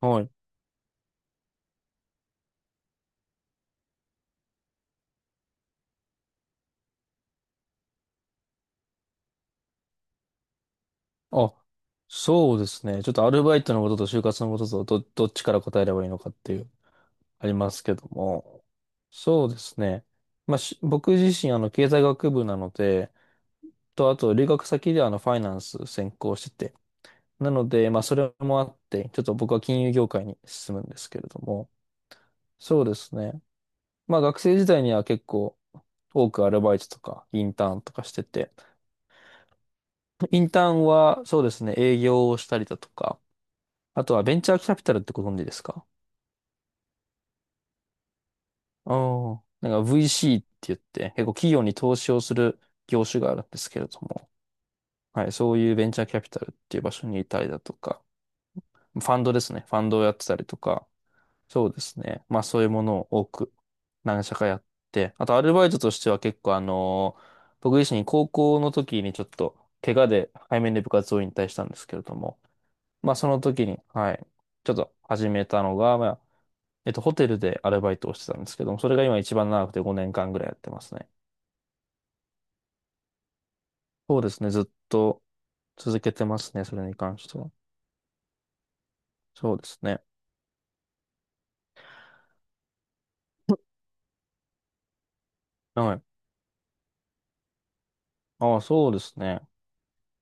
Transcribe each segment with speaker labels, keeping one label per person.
Speaker 1: はい。あ、そうですね。ちょっとアルバイトのことと就活のこととどっちから答えればいいのかっていう、ありますけども。そうですね。まあ、僕自身、経済学部なので、あと、留学先でファイナンス専攻してて。なので、まあ、それもあって、ちょっと僕は金融業界に進むんですけれども。そうですね。まあ、学生時代には結構、多くアルバイトとか、インターンとかしてて。インターンは、そうですね、営業をしたりだとか、あとはベンチャーキャピタルってご存知ですか？ああー。なんか VC って言って、結構企業に投資をする業種があるんですけれども、はい、そういうベンチャーキャピタルっていう場所にいたりだとか、ファンドですね。ファンドをやってたりとか、そうですね。まあそういうものを多く何社かやって、あとアルバイトとしては結構僕自身高校の時にちょっと怪我で背面で部活を引退したんですけれども、まあその時に、はい、ちょっと始めたのが、まあホテルでアルバイトをしてたんですけども、それが今一番長くて5年間ぐらいやってますね。そうですね、ずっと続けてますね、それに関しては。そうですね。はい。ああ、そうですね。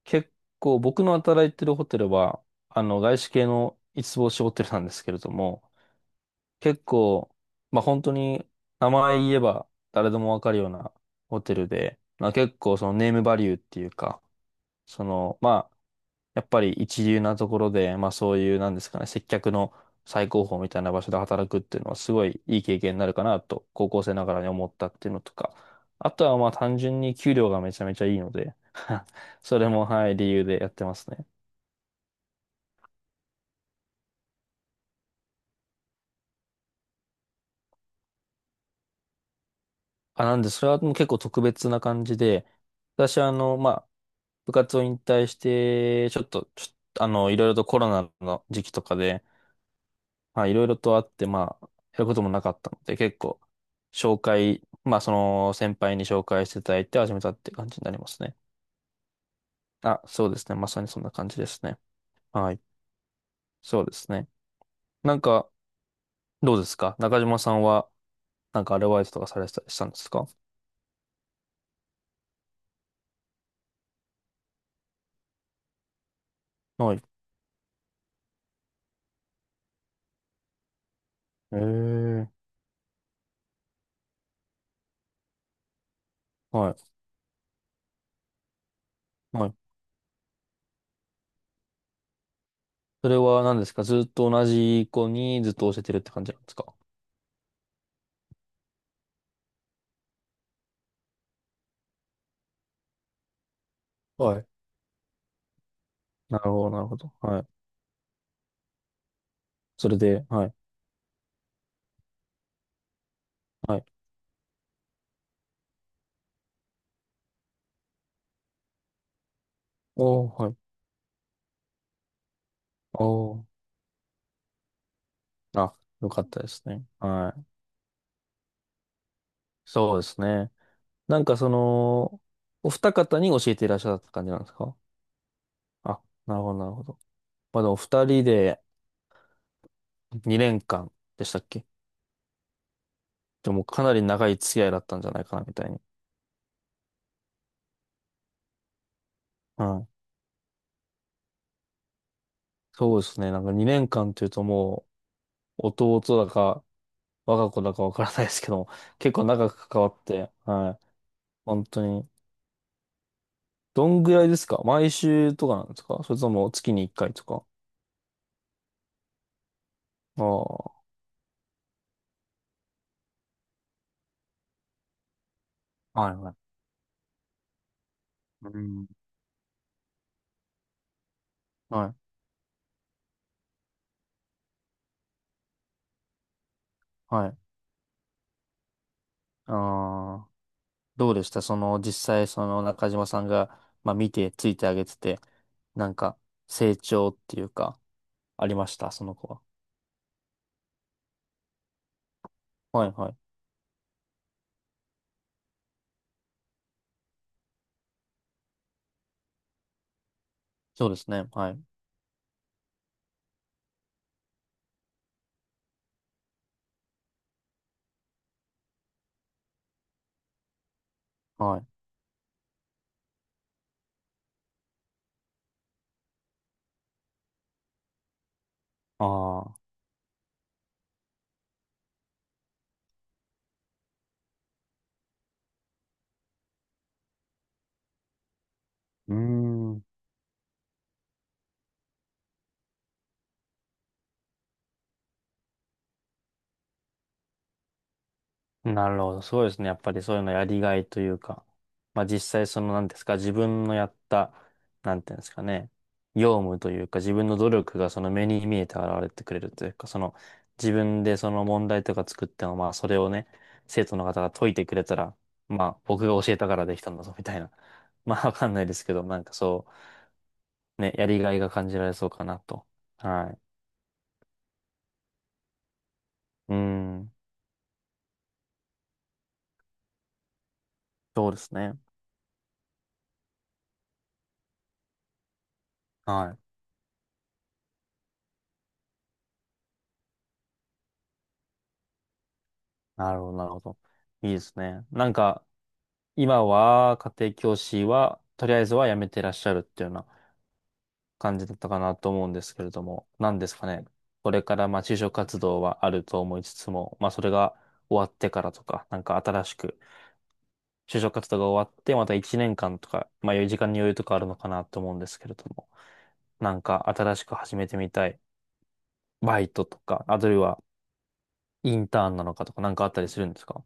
Speaker 1: 結構僕の働いてるホテルは、外資系の五つ星ホテルなんですけれども、結構、まあ本当に名前言えば誰でもわかるようなホテルで、まあ結構そのネームバリューっていうか、その、やっぱり一流なところで、まあそういう、なんですかね、接客の最高峰みたいな場所で働くっていうのはすごいいい経験になるかなと、高校生ながらに思ったっていうのとか、あとはまあ単純に給料がめちゃめちゃいいので、それも、はい、理由でやってますね。あ、なんで、それはもう結構特別な感じで、私はまあ、部活を引退して、ちょっと、いろいろとコロナの時期とかで、まあ、いろいろとあって、まあ、やることもなかったので、結構、まあ、その先輩に紹介していただいて始めたって感じになりますね。あ、そうですね。まさにそんな感じですね。はい。そうですね。なんか、どうですか？中島さんは、なんかアルバイトとかされてたりしたんですか？はい。えー、はい。はい。それは何ですか？ずっと同じ子にずっと教えてるって感じなんですか？はい。なるほど、なるほど。はい。それで、はい。はい。おー、はい。おー。あ、よかったですね。はい。そうですね。なんかその、お二方に教えていらっしゃった感じなんですか？あ、なるほど、なるほど。まあでも二人で2年間でしたっけ？でもかなり長い付き合いだったんじゃないかな、みたいに。うん。そうですね。なんか2年間っていうともう、弟だか、我が子だかわからないですけど、結構長く関わって、はい。本当に。どんぐらいですか？毎週とかなんですか？それとも月に1回とか？ああはいはい。うん。はい、はい。ああ。どうでしたその、実際、その中島さんが、まあ見て、ついてあげてて、なんか、成長っていうか、ありました、その子は。はいはい。そうですね。はい。はい。ああ。うーん。なるほど。そうですね。やっぱりそういうのやりがいというか、まあ実際その何ですか、自分のやった、なんていうんですかね、業務というか自分の努力がその目に見えて現れてくれるというか、その自分でその問題とか作っても、まあそれをね、生徒の方が解いてくれたら、まあ僕が教えたからできたんだぞみたいな。まあわかんないですけど、なんかそう、ね、やりがいが感じられそうかなと。はい。うーん。そうですね。はい。なるほど、なるほど。いいですね。なんか、今は家庭教師は、とりあえずは辞めてらっしゃるっていうような感じだったかなと思うんですけれども、何ですかね。これからまあ就職活動はあると思いつつも、まあそれが終わってからとか、なんか新しく就職活動が終わって、また1年間とか、まあ余裕時間に余裕とかあるのかなと思うんですけれども、なんか新しく始めてみたいバイトとか、あるいはインターンなのかとか、なんかあったりするんですか？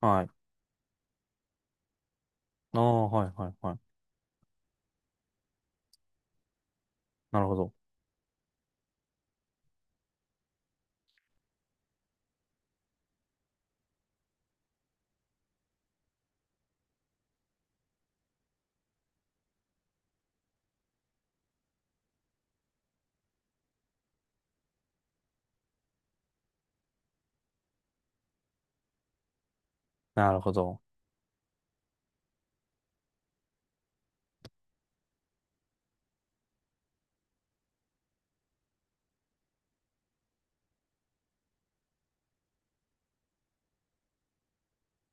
Speaker 1: はい。ああ、はい、はい、はい。なるほど。なるほど。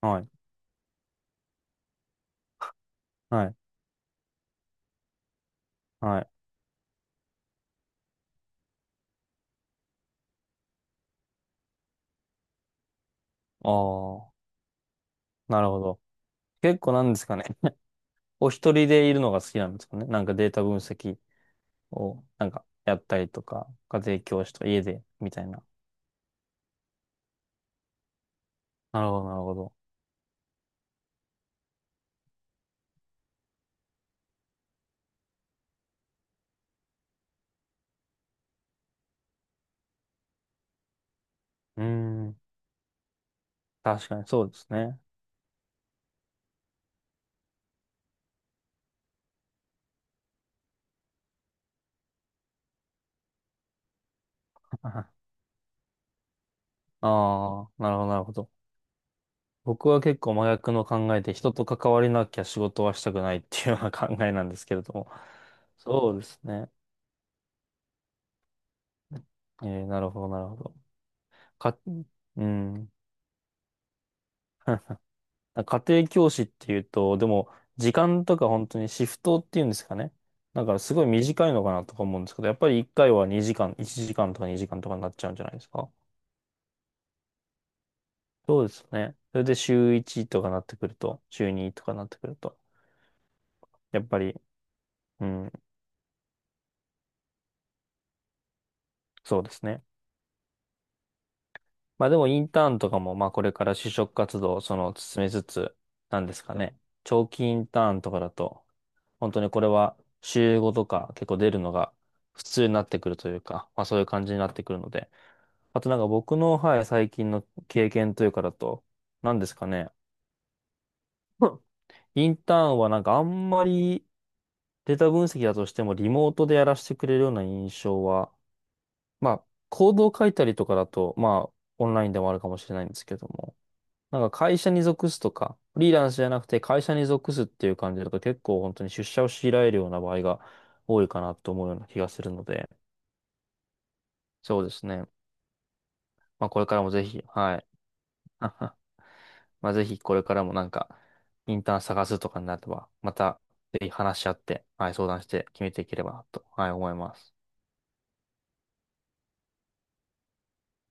Speaker 1: はい、はい、はい。ああ。なるほど。結構なんですかね。お一人でいるのが好きなんですかね。なんかデータ分析を、なんかやったりとか、家庭教師とか家で、みたいな。なるほど、なるほど。うーん。確かにそうですね。ああ、なるほど、なるほど。僕は結構真逆の考えで、人と関わりなきゃ仕事はしたくないっていうような考えなんですけれども。そうですね。えー、なるほど、なるほど。か、うん。なんか家庭教師っていうと、でも、時間とか本当にシフトっていうんですかね。だからすごい短いのかなとか思うんですけど、やっぱり1回は2時間、1時間とか2時間とかになっちゃうんじゃないですか。そうですね。それで週1とかなってくると、週2とかなってくると、やっぱり、うん、そうですね。まあでもインターンとかも、まあこれから就職活動をその進めつつ、なんですかね。長期インターンとかだと、本当にこれは週5とか結構出るのが普通になってくるというか、まあそういう感じになってくるので。あとなんか僕の、はい、最近の経験というかだと、何ですかね。うんインターンはなんかあんまりデータ分析だとしてもリモートでやらせてくれるような印象は、まあコードを書いたりとかだと、まあオンラインでもあるかもしれないんですけども、なんか会社に属すとか、フリーランスじゃなくて会社に属すっていう感じだと結構本当に出社を強いられるような場合が多いかなと思うような気がするので、そうですね。まあこれからもぜひ、はい。まあぜひこれからもなんか、インターン探すとかになれば、またぜひ話し合って、はい、相談して決めていければなと、はい、思います。